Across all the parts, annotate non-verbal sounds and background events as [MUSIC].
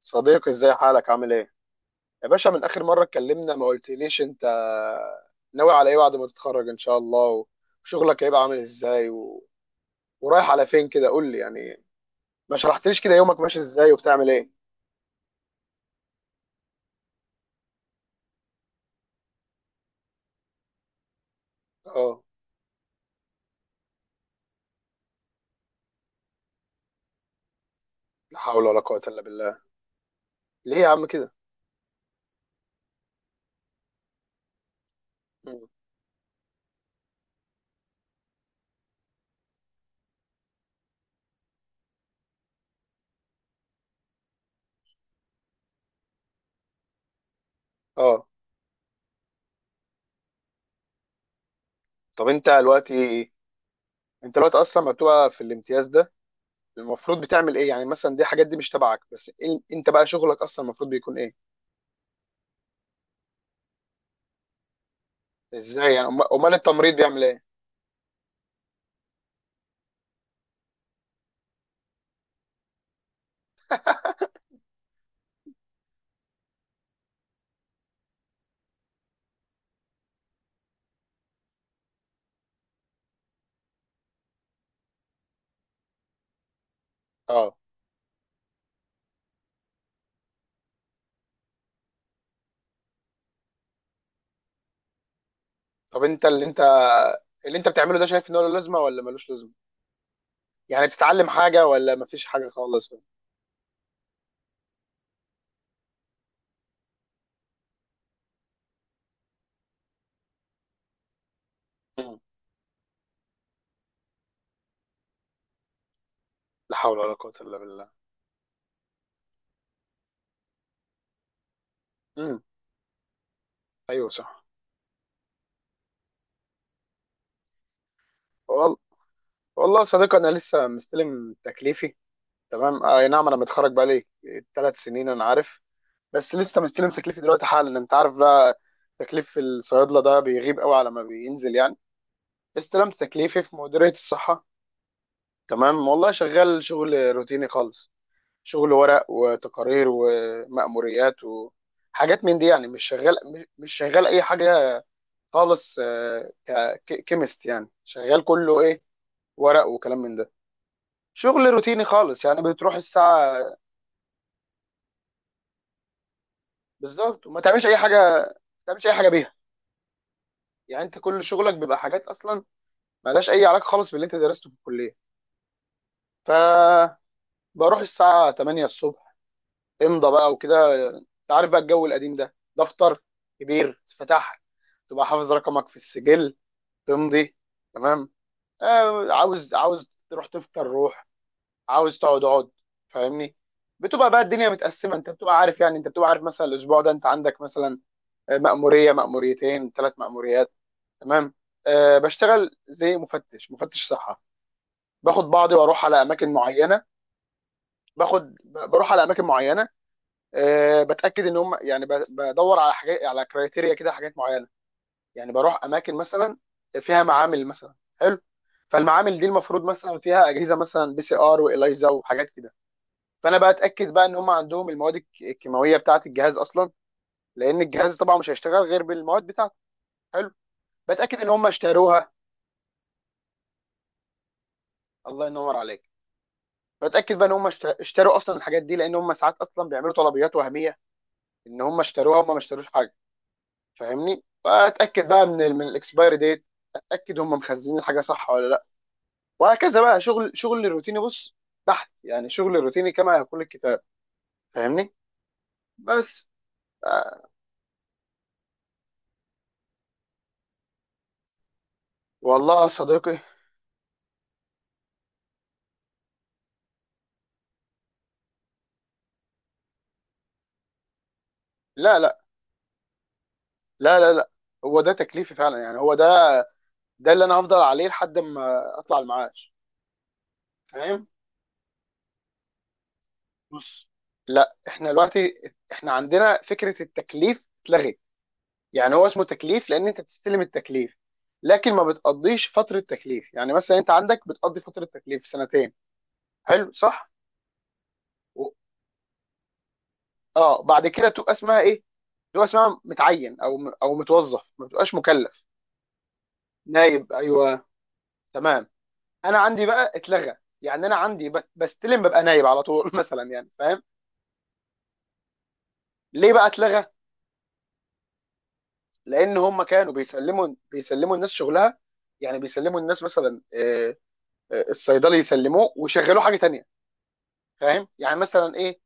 صديقي، ازاي حالك؟ عامل ايه يا باشا؟ من اخر مره اتكلمنا ما قلتليش انت ناوي على ايه بعد ما تتخرج ان شاء الله، وشغلك هيبقى عامل ازاي ورايح على فين كده؟ قول لي يعني، ما شرحتليش كده يومك ماشي ازاي وبتعمل ايه. اه. لا حول ولا قوه الا بالله. ليه يا عم كده؟ مم. اه. طب انت دلوقتي اصلا لما بتبقى في الامتياز ده المفروض بتعمل ايه؟ يعني مثلا دي حاجات دي مش تبعك، بس انت بقى شغلك اصلا المفروض بيكون ايه؟ ازاي يعني؟ امال التمريض بيعمل ايه؟ اه. طب انت اللي انت بتعمله ده شايف ان هو له لازمه ولا ملوش لازمه؟ يعني بتتعلم حاجه ولا مفيش حاجه خالص؟ مم. لا حول ولا قوه الا بالله. امم. ايوه صح. وال... والله يا صديقي، انا لسه مستلم تكليفي. تمام، اي نعم انا متخرج بقالي 3 سنين، انا عارف. بس لسه مستلم تكليفي دلوقتي حالا. انت عارف بقى تكليف الصيادله ده بيغيب قوي على ما بينزل يعني. استلمت تكليفي في مديريه الصحه. تمام، والله شغال شغل روتيني خالص. شغل ورق وتقارير ومأموريات وحاجات من دي، يعني مش شغال، مش شغال اي حاجه خالص. كيمست يعني شغال كله ايه؟ ورق وكلام من ده. شغل روتيني خالص. يعني بتروح الساعه بالظبط وما تعملش اي حاجه. ما تعملش اي حاجه بيها. يعني انت كل شغلك بيبقى حاجات اصلا مالهاش اي علاقه خالص باللي انت درسته في الكليه. فبروح الساعه 8 الصبح، امضى بقى وكده. انت عارف بقى الجو القديم ده، دفتر كبير تفتح، تبقى حافظ رقمك في السجل، تمضي، تمام. آه، عاوز تروح تفطر روح، عاوز تقعد اقعد، فاهمني؟ بتبقى بقى الدنيا متقسمه. انت بتبقى عارف، يعني انت بتبقى عارف مثلا الاسبوع ده انت عندك مثلا مأموريه، مأموريتين، ثلاث مأموريات، تمام. أه بشتغل زي مفتش صحه، باخد بعضي واروح على اماكن معينه. بروح على اماكن معينه. أه بتاكد ان هم، يعني بدور على حاجات، على كرايتيريا كده، حاجات معينه. يعني بروح اماكن مثلا فيها معامل مثلا. حلو. فالمعامل دي المفروض مثلا فيها اجهزه مثلا بي سي ار واليزا وحاجات كده. فانا بقى اتاكد بقى ان هم عندهم المواد الكيماويه بتاعه الجهاز اصلا، لان الجهاز طبعا مش هيشتغل غير بالمواد بتاعته. حلو. بتاكد ان هم اشتروها. الله ينور عليك. بتاكد بقى ان هم اشتروا اصلا الحاجات دي، لان هم ساعات اصلا بيعملوا طلبيات وهميه، ان هم اشتروها هم ما اشتروش حاجه. فاهمني؟ فاتاكد بقى من الاكسبايري ديت، اتاكد هم مخزنين الحاجه صح ولا لا. وهكذا بقى، شغل الروتيني بص تحت. يعني شغل الروتيني كما يقول الكتاب. فاهمني؟ بس. آه. والله يا صديقي، لا لا لا لا لا، هو ده تكليفي فعلا. يعني هو ده، ده اللي انا هفضل عليه لحد ما اطلع المعاش، فاهم؟ بص. لا، احنا عندنا فكرة التكليف اتلغت. يعني هو اسمه تكليف لان انت بتستلم التكليف، لكن ما بتقضيش فترة تكليف. يعني مثلا انت عندك بتقضي فترة تكليف سنتين، حلو صح؟ و- اه بعد كده تبقى اسمها ايه؟ في هو اسمها متعين او متوظف، ما بتبقاش مكلف. نايب، ايوه تمام. انا عندي بقى اتلغى، يعني انا عندي بستلم ببقى نايب على طول [LAUGHS] مثلا، يعني فاهم؟ ليه بقى اتلغى؟ لان هم كانوا بيسلموا الناس شغلها. يعني بيسلموا الناس مثلا، الصيدلي يسلموه ويشغلوه حاجه تانية. فاهم يعني مثلا ايه؟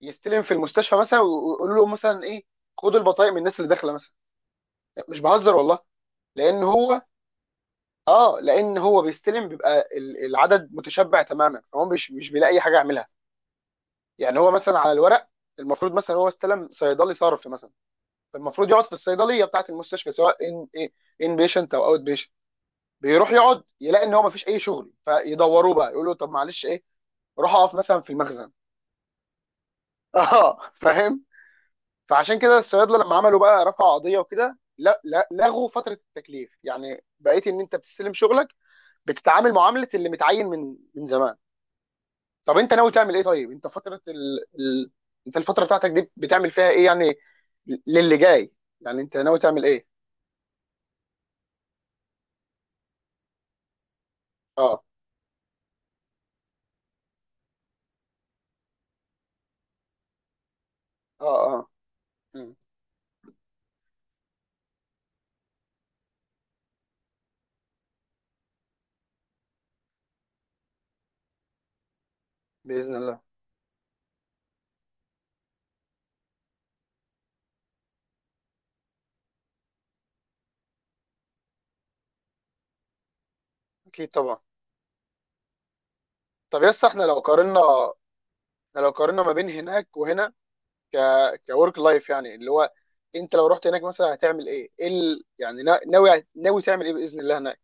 يستلم في المستشفى مثلا ويقولوا له مثلا ايه، خد البطايق من الناس اللي داخله مثلا. مش بهزر والله. لان هو اه لان هو بيستلم، بيبقى العدد متشبع تماما، فهو مش بيلاقي حاجه يعملها. يعني هو مثلا على الورق المفروض مثلا هو استلم صيدلي صرف مثلا، فالمفروض يقعد في الصيدليه بتاعه المستشفى، سواء ان بيشنت او اوت بيشنت. بيروح يقعد يلاقي ان هو مفيش اي شغل، فيدوروه بقى يقولوا طب معلش ايه، روح اقف مثلا في المخزن. [LAUGHS] اه فاهم. فعشان كده الصيادله لما عملوا بقى، رفعوا قضيه وكده، لا لا، لغوا فتره التكليف. يعني بقيت ان انت بتستلم شغلك، بتتعامل معامله اللي متعين من زمان. طب انت ناوي تعمل ايه؟ طيب انت فتره ال... ال... انت الفتره بتاعتك دي بتعمل فيها ايه يعني؟ للي جاي، يعني انت ناوي تعمل ايه؟ اه اه اه اه. مم. باذن الله. اكيد طبعا. طب يس، احنا لو قارنا، ما بين هناك وهنا، ك كورك لايف. يعني اللي هو انت لو رحت هناك مثلا هتعمل ايه؟ يعني ناوي تعمل ايه باذن الله هناك؟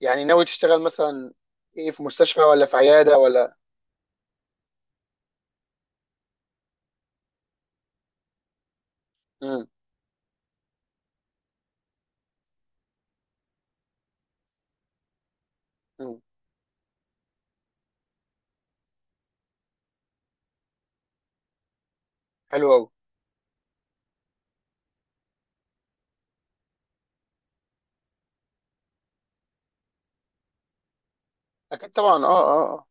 يعني ناوي تشتغل مثلا ايه، في مستشفى ولا في عياده ولا؟ امم. حلو قوي. اكيد طبعا، اه اه اه.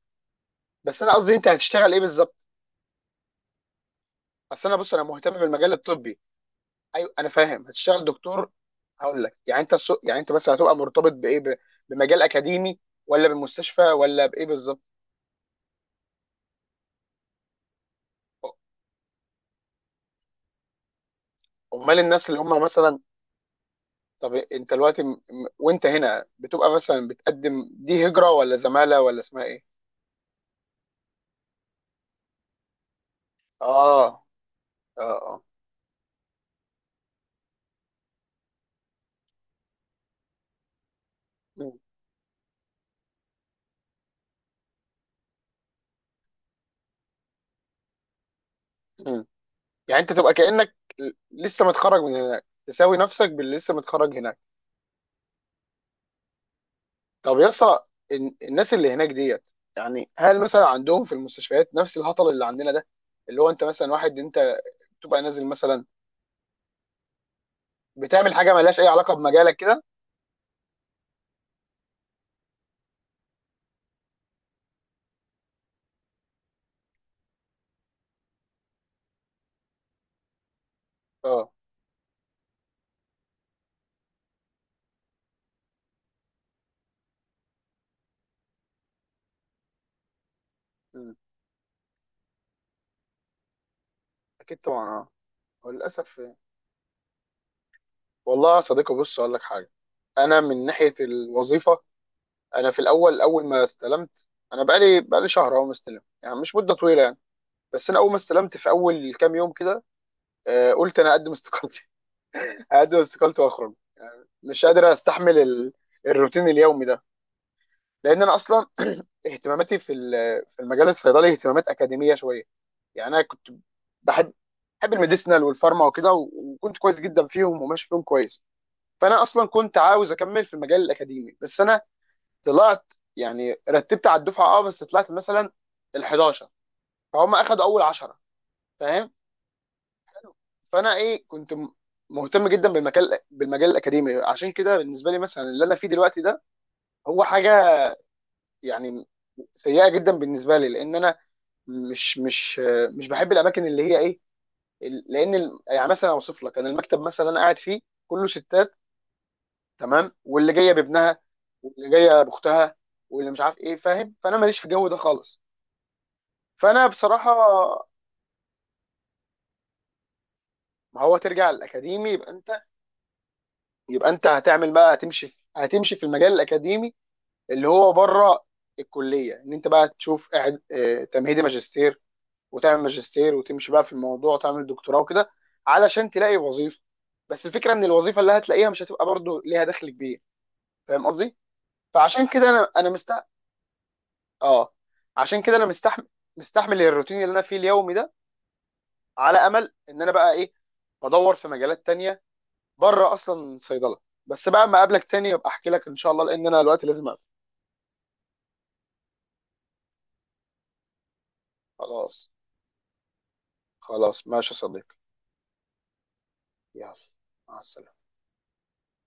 بس انا قصدي انت هتشتغل ايه بالظبط؟ اصل انا بص انا مهتم بالمجال الطبي. ايوه انا فاهم هتشتغل دكتور. هقول لك يعني انت السوق، يعني انت مثلا هتبقى مرتبط بايه، بمجال اكاديمي ولا بالمستشفى ولا بايه بالظبط؟ امال الناس اللي هم مثلا. طب انت دلوقتي وانت هنا بتبقى مثلا بتقدم دي هجرة ولا زمالة ولا اسمها ايه؟ اه اه اه. م- م. يعني انت تبقى كأنك لسه متخرج من هناك، تساوي نفسك باللي لسه متخرج هناك. طب يا اسطى، الناس اللي هناك ديت، يعني هل مثلا عندهم في المستشفيات نفس الهطل اللي عندنا ده؟ اللي هو انت مثلا واحد انت تبقى نازل مثلا بتعمل حاجه مالهاش اي علاقه بمجالك كده. اه. مم. اكيد طبعا، اه. وللاسف. والله يا صديقي، بص اقول لك حاجه. انا من ناحيه الوظيفه، انا في الاول اول ما استلمت، انا بقالي شهر اهو مستلم، يعني مش مده طويله يعني. بس انا اول ما استلمت في اول كام يوم كده، قلت انا اقدم استقالتي. [LAUGHS] اقدم استقالتي واخرج. مش قادر استحمل الروتين اليومي ده. لان انا اصلا [CLEARS THROAT] اهتماماتي في المجال الصيدلي اهتمامات اكاديميه شويه. يعني انا كنت بحب بحب الميديسنال والفارما وكده، وكنت كويس جدا فيهم وماشي فيهم كويس. فانا اصلا كنت عاوز اكمل في المجال الاكاديمي، بس انا طلعت، يعني رتبت على الدفعه. اه بس طلعت مثلا ال 11، فهم اخدوا اول 10، فاهم. فانا ايه، كنت مهتم جدا بالمجال الاكاديمي. عشان كده بالنسبه لي مثلا اللي انا فيه دلوقتي ده هو حاجه يعني سيئه جدا بالنسبه لي، لان انا مش مش مش بحب الاماكن اللي هي ايه. يعني مثلا اوصف لك، انا المكتب مثلا انا قاعد فيه كله ستات، تمام، واللي جايه بابنها واللي جايه باختها واللي مش عارف ايه، فاهم؟ فانا ماليش في الجو ده خالص. فانا بصراحه. ما هو ترجع الاكاديمي، يبقى انت هتعمل بقى، هتمشي في المجال الاكاديمي اللي هو بره الكليه. ان انت بقى تشوف تمهيدي ماجستير وتعمل ماجستير وتمشي بقى في الموضوع وتعمل دكتوراه وكده، علشان تلاقي وظيفه. بس الفكره ان الوظيفه اللي هتلاقيها مش هتبقى برضو ليها دخل كبير، فاهم قصدي؟ فعشان كده انا انا مست اه عشان كده انا مستحمل، الروتين اللي انا فيه اليومي ده، على امل ان انا بقى ايه بدور في مجالات تانية بره اصلا صيدله. بس بقى ما اقابلك تاني ابقى احكي لك ان شاء الله، لان انا دلوقتي لازم اقفل. خلاص. خلاص ماشي يا صديقي. يلا مع السلامه.